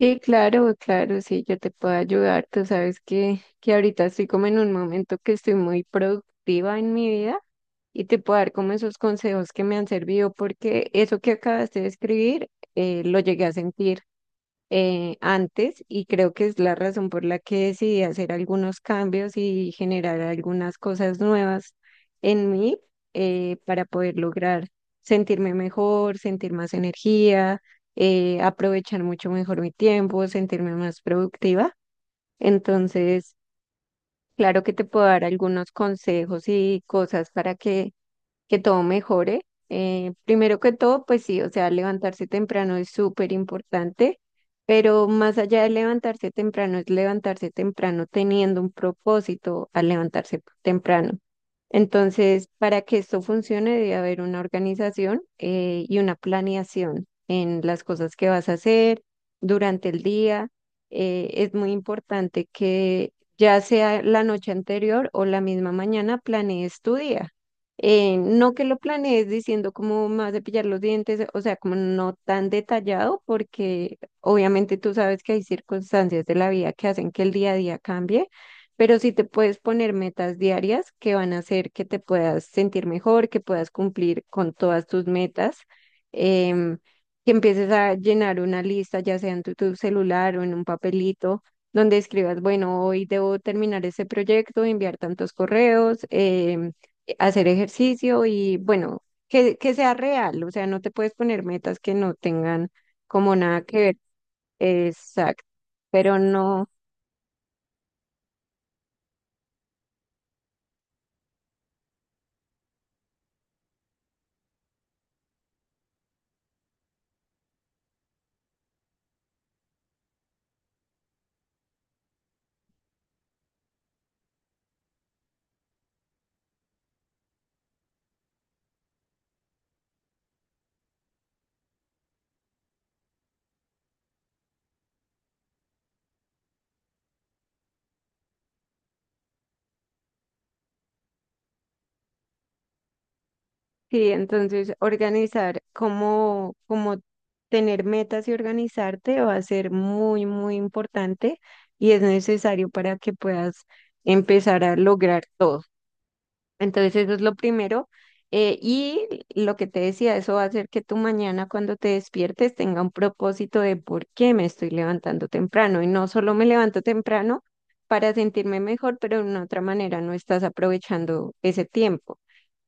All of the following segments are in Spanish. Sí, claro, claro, sí, yo te puedo ayudar. Tú sabes que ahorita estoy como en un momento que estoy muy productiva en mi vida y te puedo dar como esos consejos que me han servido porque eso que acabaste de escribir lo llegué a sentir antes y creo que es la razón por la que decidí hacer algunos cambios y generar algunas cosas nuevas en mí para poder lograr sentirme mejor, sentir más energía, aprovechar mucho mejor mi tiempo, sentirme más productiva. Entonces, claro que te puedo dar algunos consejos y cosas para que todo mejore. Primero que todo, pues sí, o sea, levantarse temprano es súper importante, pero más allá de levantarse temprano, es levantarse temprano teniendo un propósito al levantarse temprano. Entonces, para que esto funcione, debe haber una organización y una planeación en las cosas que vas a hacer durante el día. Es muy importante que ya sea la noche anterior o la misma mañana planees tu día no que lo planees diciendo cómo más de pillar los dientes, o sea, como no tan detallado, porque obviamente tú sabes que hay circunstancias de la vida que hacen que el día a día cambie, pero sí te puedes poner metas diarias que van a hacer que te puedas sentir mejor, que puedas cumplir con todas tus metas, em, que empieces a llenar una lista, ya sea en tu celular o en un papelito donde escribas, bueno, hoy debo terminar ese proyecto, enviar tantos correos, hacer ejercicio y bueno, que sea real, o sea, no te puedes poner metas que no tengan como nada que ver. Exacto, pero no, sí, entonces organizar como, como tener metas y organizarte va a ser muy, muy importante y es necesario para que puedas empezar a lograr todo. Entonces eso es lo primero. Y lo que te decía, eso va a hacer que tu mañana cuando te despiertes tenga un propósito de por qué me estoy levantando temprano. Y no solo me levanto temprano para sentirme mejor, pero de una otra manera no estás aprovechando ese tiempo.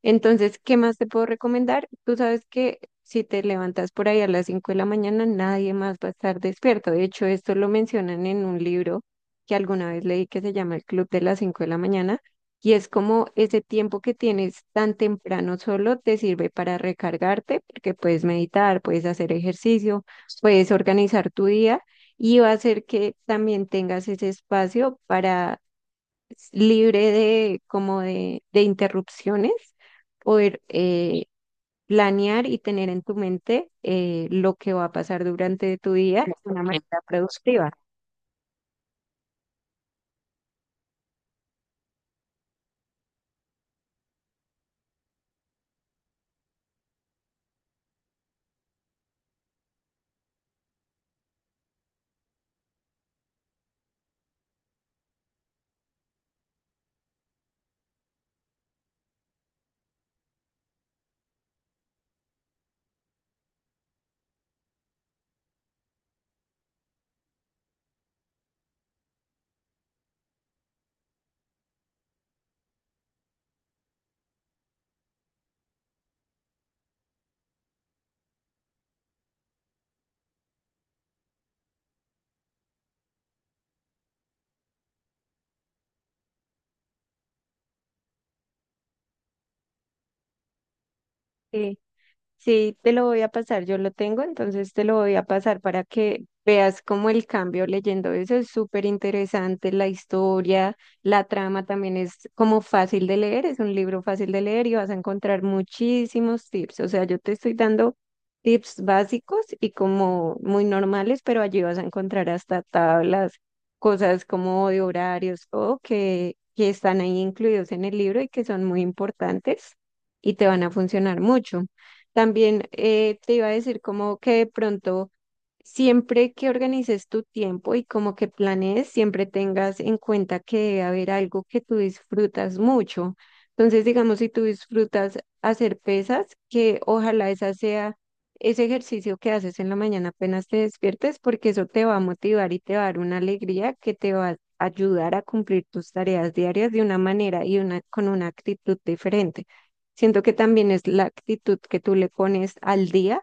Entonces, ¿qué más te puedo recomendar? Tú sabes que si te levantas por ahí a las 5 de la mañana, nadie más va a estar despierto. De hecho, esto lo mencionan en un libro que alguna vez leí que se llama El Club de las 5 de la mañana. Y es como ese tiempo que tienes tan temprano solo te sirve para recargarte, porque puedes meditar, puedes hacer ejercicio, puedes organizar tu día y va a hacer que también tengas ese espacio para libre de como de interrupciones, poder planear y tener en tu mente lo que va a pasar durante tu día de una manera productiva. Sí. Sí, te lo voy a pasar, yo lo tengo, entonces te lo voy a pasar para que veas cómo el cambio leyendo eso es súper interesante, la historia, la trama también es como fácil de leer, es un libro fácil de leer y vas a encontrar muchísimos tips, o sea, yo te estoy dando tips básicos y como muy normales, pero allí vas a encontrar hasta tablas, cosas como de horarios que están ahí incluidos en el libro y que son muy importantes y te van a funcionar mucho. También te iba a decir como que de pronto... Siempre que organices tu tiempo y como que planees, siempre tengas en cuenta que debe haber algo que tú disfrutas mucho. Entonces, digamos, si tú disfrutas hacer pesas, que ojalá esa sea ese ejercicio que haces en la mañana apenas te despiertes, porque eso te va a motivar y te va a dar una alegría que te va a ayudar a cumplir tus tareas diarias de una manera y una, con una actitud diferente. Siento que también es la actitud que tú le pones al día,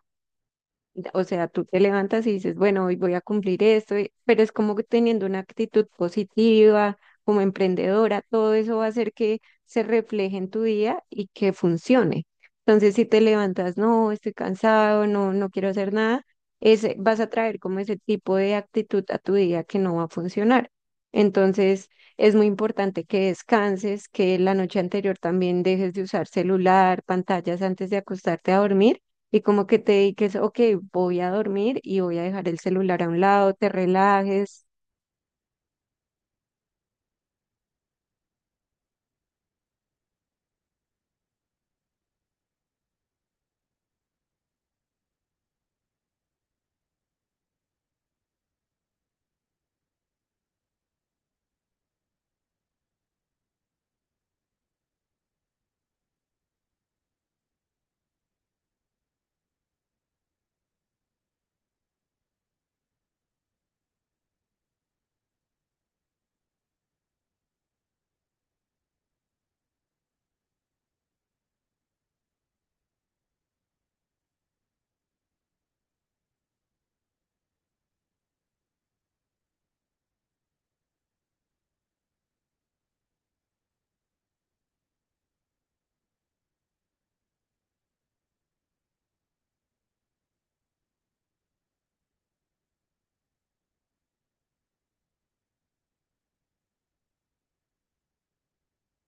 o sea, tú te levantas y dices, bueno, hoy voy a cumplir esto, pero es como que teniendo una actitud positiva, como emprendedora, todo eso va a hacer que se refleje en tu día y que funcione. Entonces, si te levantas, no, estoy cansado, no, no quiero hacer nada, ese, vas a traer como ese tipo de actitud a tu día que no va a funcionar. Entonces, es muy importante que descanses, que la noche anterior también dejes de usar celular, pantallas antes de acostarte a dormir y como que te dediques, ok, voy a dormir y voy a dejar el celular a un lado, te relajes.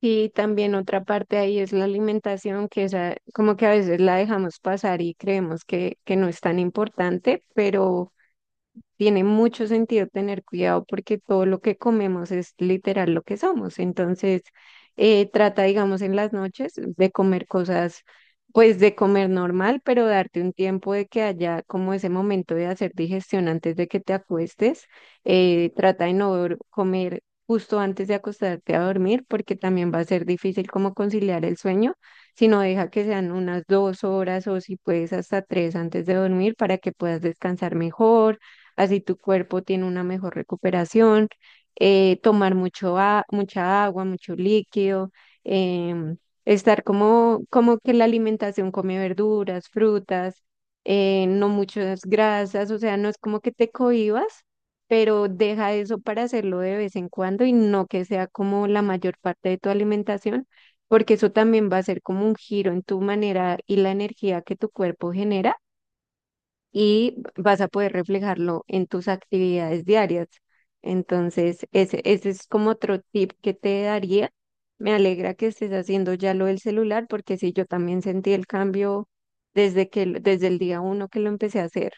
Y también otra parte ahí es la alimentación, que esa, como que a veces la dejamos pasar y creemos que no es tan importante, pero tiene mucho sentido tener cuidado porque todo lo que comemos es literal lo que somos. Entonces, trata, digamos, en las noches de comer cosas, pues de comer normal, pero darte un tiempo de que haya como ese momento de hacer digestión antes de que te acuestes. Trata de no dor- comer justo antes de acostarte a dormir porque también va a ser difícil como conciliar el sueño, sino deja que sean unas 2 horas o si puedes hasta tres antes de dormir para que puedas descansar mejor, así tu cuerpo tiene una mejor recuperación, tomar mucha agua, mucho líquido, em, estar como, como que la alimentación come verduras, frutas, no muchas grasas, o sea, no es como que te cohibas, pero deja eso para hacerlo de vez en cuando y no que sea como la mayor parte de tu alimentación, porque eso también va a ser como un giro en tu manera y la energía que tu cuerpo genera y vas a poder reflejarlo en tus actividades diarias. Entonces, ese es como otro tip que te daría. Me alegra que estés haciendo ya lo del celular, porque sí, yo también sentí el cambio desde desde el día uno que lo empecé a hacer.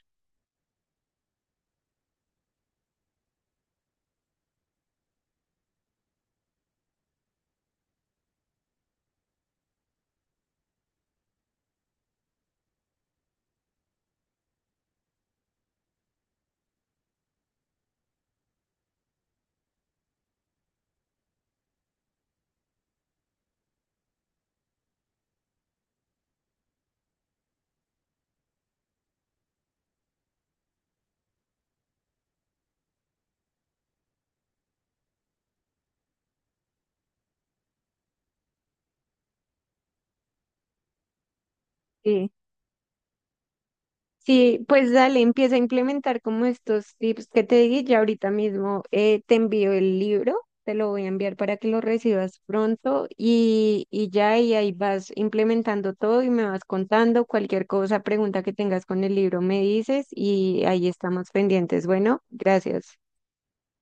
Sí. Sí, pues dale, empieza a implementar como estos tips que te di. Ya ahorita mismo te envío el libro, te lo voy a enviar para que lo recibas pronto y ya y ahí vas implementando todo y me vas contando cualquier cosa, pregunta que tengas con el libro, me dices y ahí estamos pendientes. Bueno, gracias.